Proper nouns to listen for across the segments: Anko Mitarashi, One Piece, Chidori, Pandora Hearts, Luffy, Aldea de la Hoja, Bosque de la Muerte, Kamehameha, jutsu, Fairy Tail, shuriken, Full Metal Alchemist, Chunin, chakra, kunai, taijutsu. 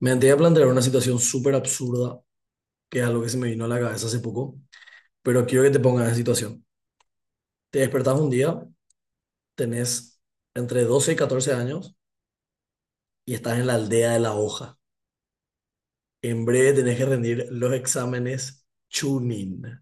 Me antes a plantear una situación súper absurda, que es algo que se me vino a la cabeza hace poco, pero quiero que te pongas en situación. Te despertás un día, tenés entre 12 y 14 años y estás en la aldea de la hoja. En breve tenés que rendir los exámenes Chunin.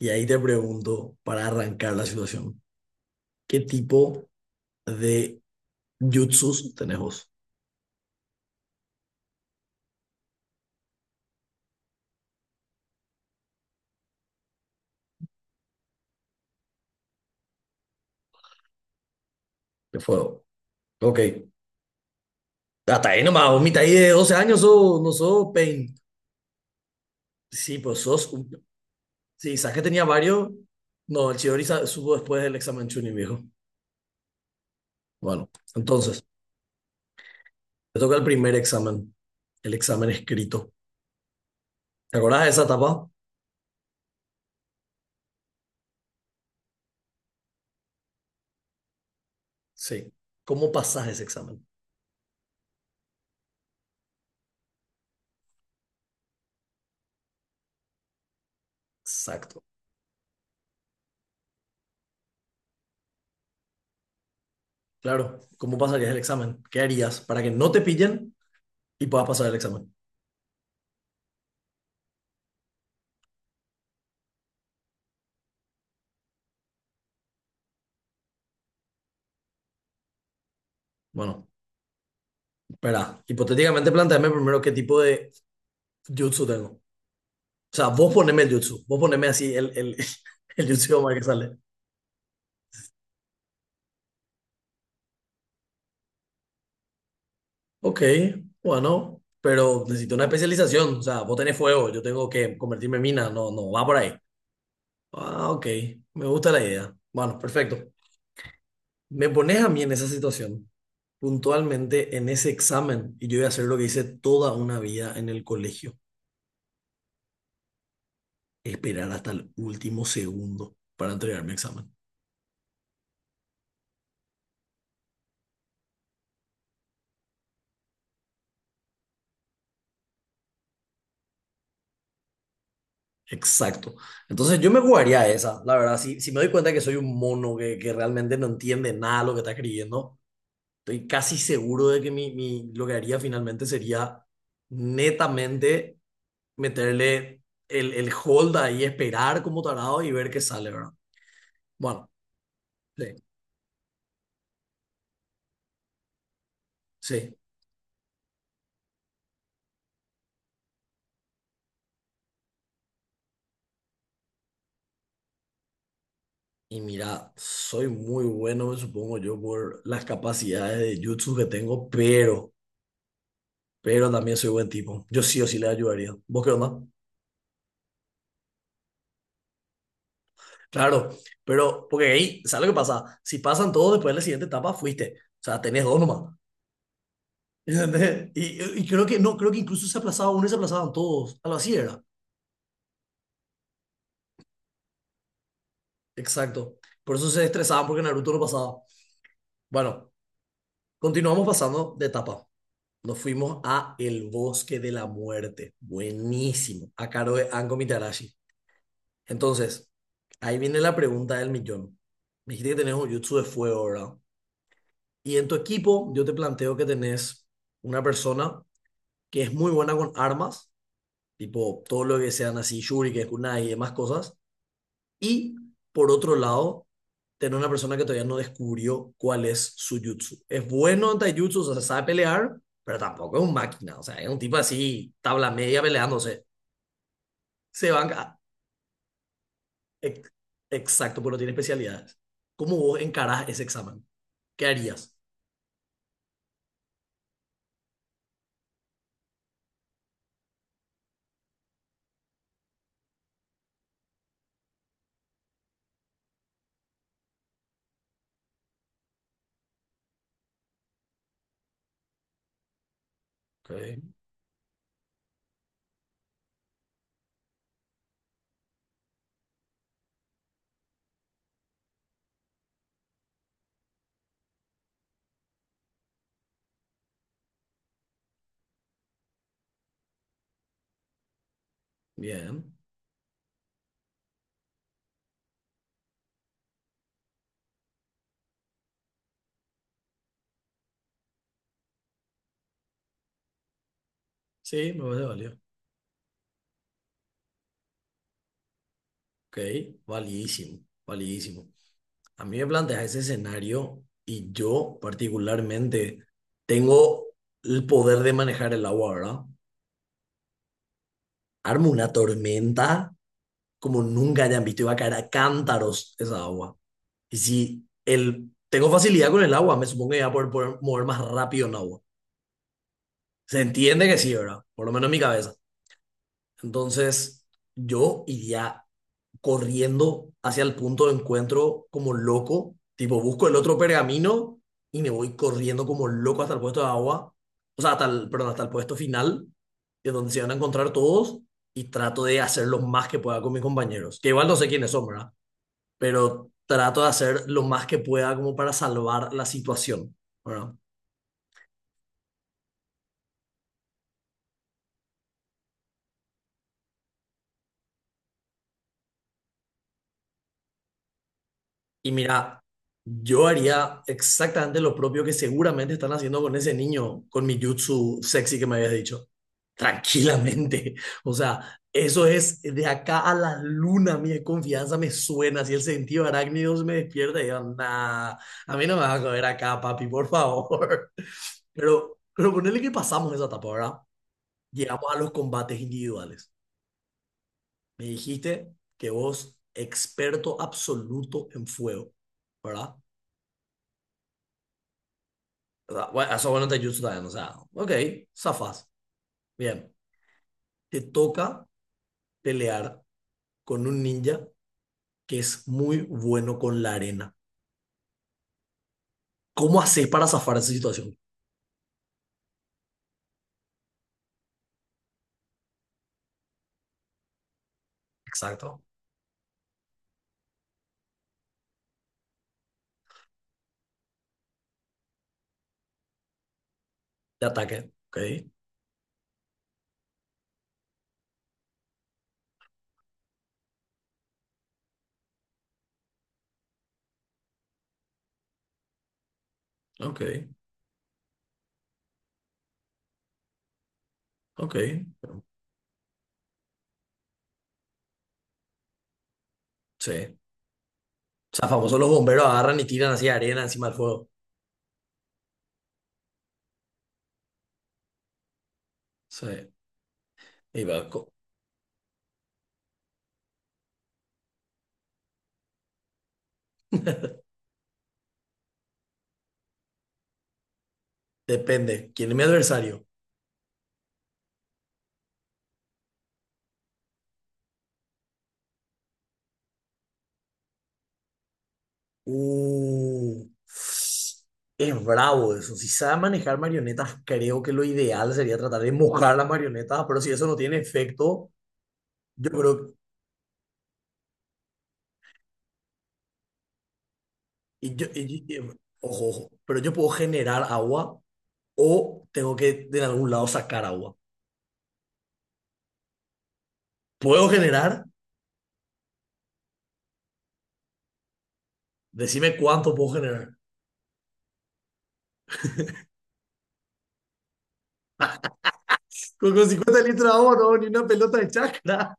Y ahí te pregunto, para arrancar la situación, ¿qué tipo de jutsus tenés vos de fuego? Ok, hasta ahí nomás, vos mitad ahí de 12 años sos, no sos Pain. Sí, pues sos un. Sí, saqué tenía varios. No, el subo después del examen Chunin, viejo. Bueno, entonces, te toca el primer examen, el examen escrito. ¿Te acordás de esa etapa? Sí. ¿Cómo pasás ese examen? Exacto. Claro, ¿cómo pasarías el examen? ¿Qué harías para que no te pillen y puedas pasar el examen? Bueno, espera, hipotéticamente planteame primero qué tipo de jutsu tengo. O sea, vos poneme el jutsu, vos poneme así el jutsu de Omar que sale. Ok, bueno, pero necesito una especialización. O sea, vos tenés fuego, yo tengo que convertirme en mina. No, no, va por ahí. Ah, ok, me gusta la idea. Bueno, perfecto. Me pones a mí en esa situación, puntualmente en ese examen, y yo voy a hacer lo que hice toda una vida en el colegio, esperar hasta el último segundo para entregar mi examen. Exacto. Entonces yo me jugaría a esa, la verdad. Si, si me doy cuenta que soy un mono que realmente no entiende nada de lo que está escribiendo. Estoy casi seguro de que lo que haría finalmente sería netamente meterle el hold ahí, esperar como tarado y ver qué sale, ¿verdad? Bueno, sí, sí. Y mira, soy muy bueno, me supongo yo, por las capacidades de jutsu que tengo, pero también soy buen tipo. Yo sí o sí le ayudaría. ¿Vos qué onda? Claro, pero porque ahí, ¿sabes lo que pasa? Si pasan todos, después de la siguiente etapa fuiste. O sea, tenés dos nomás. ¿Entendés? Y creo que no, creo que incluso se aplazaba uno y se aplazaban todos. Algo así era. Exacto. Por eso se estresaban porque Naruto no pasaba. Bueno, continuamos pasando de etapa. Nos fuimos a El Bosque de la Muerte. Buenísimo. A cargo de Anko Mitarashi. Entonces, ahí viene la pregunta del millón. Me dijiste que tenés un jutsu de fuego, ¿verdad? Y en tu equipo, yo te planteo que tenés una persona que es muy buena con armas, tipo todo lo que sean así, shurikens, kunai y demás cosas. Y por otro lado, tener una persona que todavía no descubrió cuál es su jutsu. Es bueno en taijutsu, o sea, sabe pelear, pero tampoco es un máquina. O sea, es un tipo así, tabla media peleándose. Se banca. Ex- Exacto, pero tiene especialidades. ¿Cómo vos encarás ese examen? ¿Qué harías? Ok, bien. Sí, me parece válido. Ok, validísimo, validísimo. A mí me planteas ese escenario y yo particularmente tengo el poder de manejar el agua, ¿verdad? Armo una tormenta como nunca hayan visto, iba a caer a cántaros esa agua. Y si el, tengo facilidad con el agua, me supongo que iba a poder, mover más rápido en agua. Se entiende que sí, ¿verdad? Por lo menos en mi cabeza. Entonces, yo iría corriendo hacia el punto de encuentro como loco. Tipo, busco el otro pergamino y me voy corriendo como loco hasta el puesto de agua. O sea, hasta el, perdón, hasta el puesto final, que es donde se van a encontrar todos. Y trato de hacer lo más que pueda con mis compañeros. Que igual no sé quiénes son, ¿verdad? Pero trato de hacer lo más que pueda como para salvar la situación. ¿Verdad? Y mira, yo haría exactamente lo propio que seguramente están haciendo con ese niño, con mi jutsu sexy que me habías dicho. Tranquilamente. O sea, eso es de acá a la luna. Mi confianza me suena. Si el sentido arácnido se me despierta, y yo, nah, a mí no me va a coger acá, papi, por favor. Pero ponele que pasamos esa etapa, ¿verdad? Llegamos a los combates individuales. Me dijiste que vos, experto absoluto en fuego, ¿verdad? O sea, bueno, eso bueno te ayuda, también o sea, ok, zafas, bien. Te toca pelear con un ninja que es muy bueno con la arena. ¿Cómo haces para zafar esa situación? Exacto. De ataque. Ok, ok, ok. Sí. O sea, famosos los bomberos agarran y tiran así arena encima del fuego. Sí. Y va, co-, depende. ¿Quién es mi adversario? Uh, es bravo eso. Si sabe manejar marionetas, creo que lo ideal sería tratar de mojar las marionetas, pero si eso no tiene efecto, yo creo, y yo- y- y- ojo, ojo, pero yo puedo generar agua o tengo que de algún lado sacar agua. ¿Puedo generar? Decime cuánto puedo generar. Con 50 litros de agua no, ni una pelota de chakra.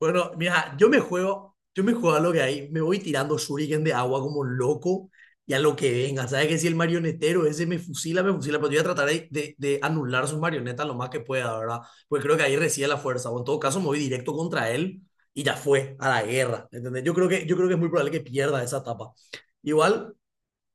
Bueno, mira, yo me juego a lo que hay, me voy tirando shuriken de agua como loco y a lo que venga. Sabes que si el marionetero ese me fusila, pero yo voy a tratar de anular sus marionetas lo más que pueda, ¿verdad? Porque creo que ahí reside la fuerza, o en todo caso me voy directo contra él y ya fue, a la guerra, ¿entendés? Yo creo que es muy probable que pierda esa etapa. Igual,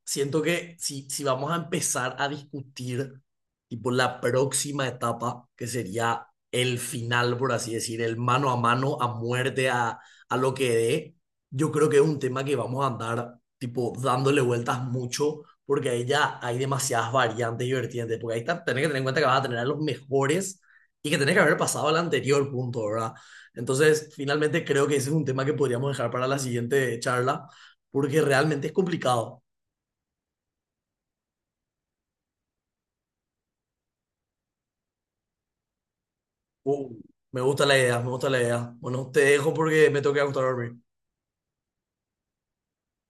siento que si vamos a empezar a discutir tipo la próxima etapa, que sería el final, por así decir, el mano a mano, a muerte, a lo que dé, yo creo que es un tema que vamos a andar tipo dándole vueltas mucho, porque ahí ya hay demasiadas variantes y vertientes, porque ahí está, tenés que tener en cuenta que vas a tener a los mejores y que tenés que haber pasado al anterior punto, ¿verdad? Entonces, finalmente creo que ese es un tema que podríamos dejar para la siguiente charla, porque realmente es complicado. Uh, me gusta la idea, me gusta la idea. Bueno, te dejo porque me tengo que acostar a dormir.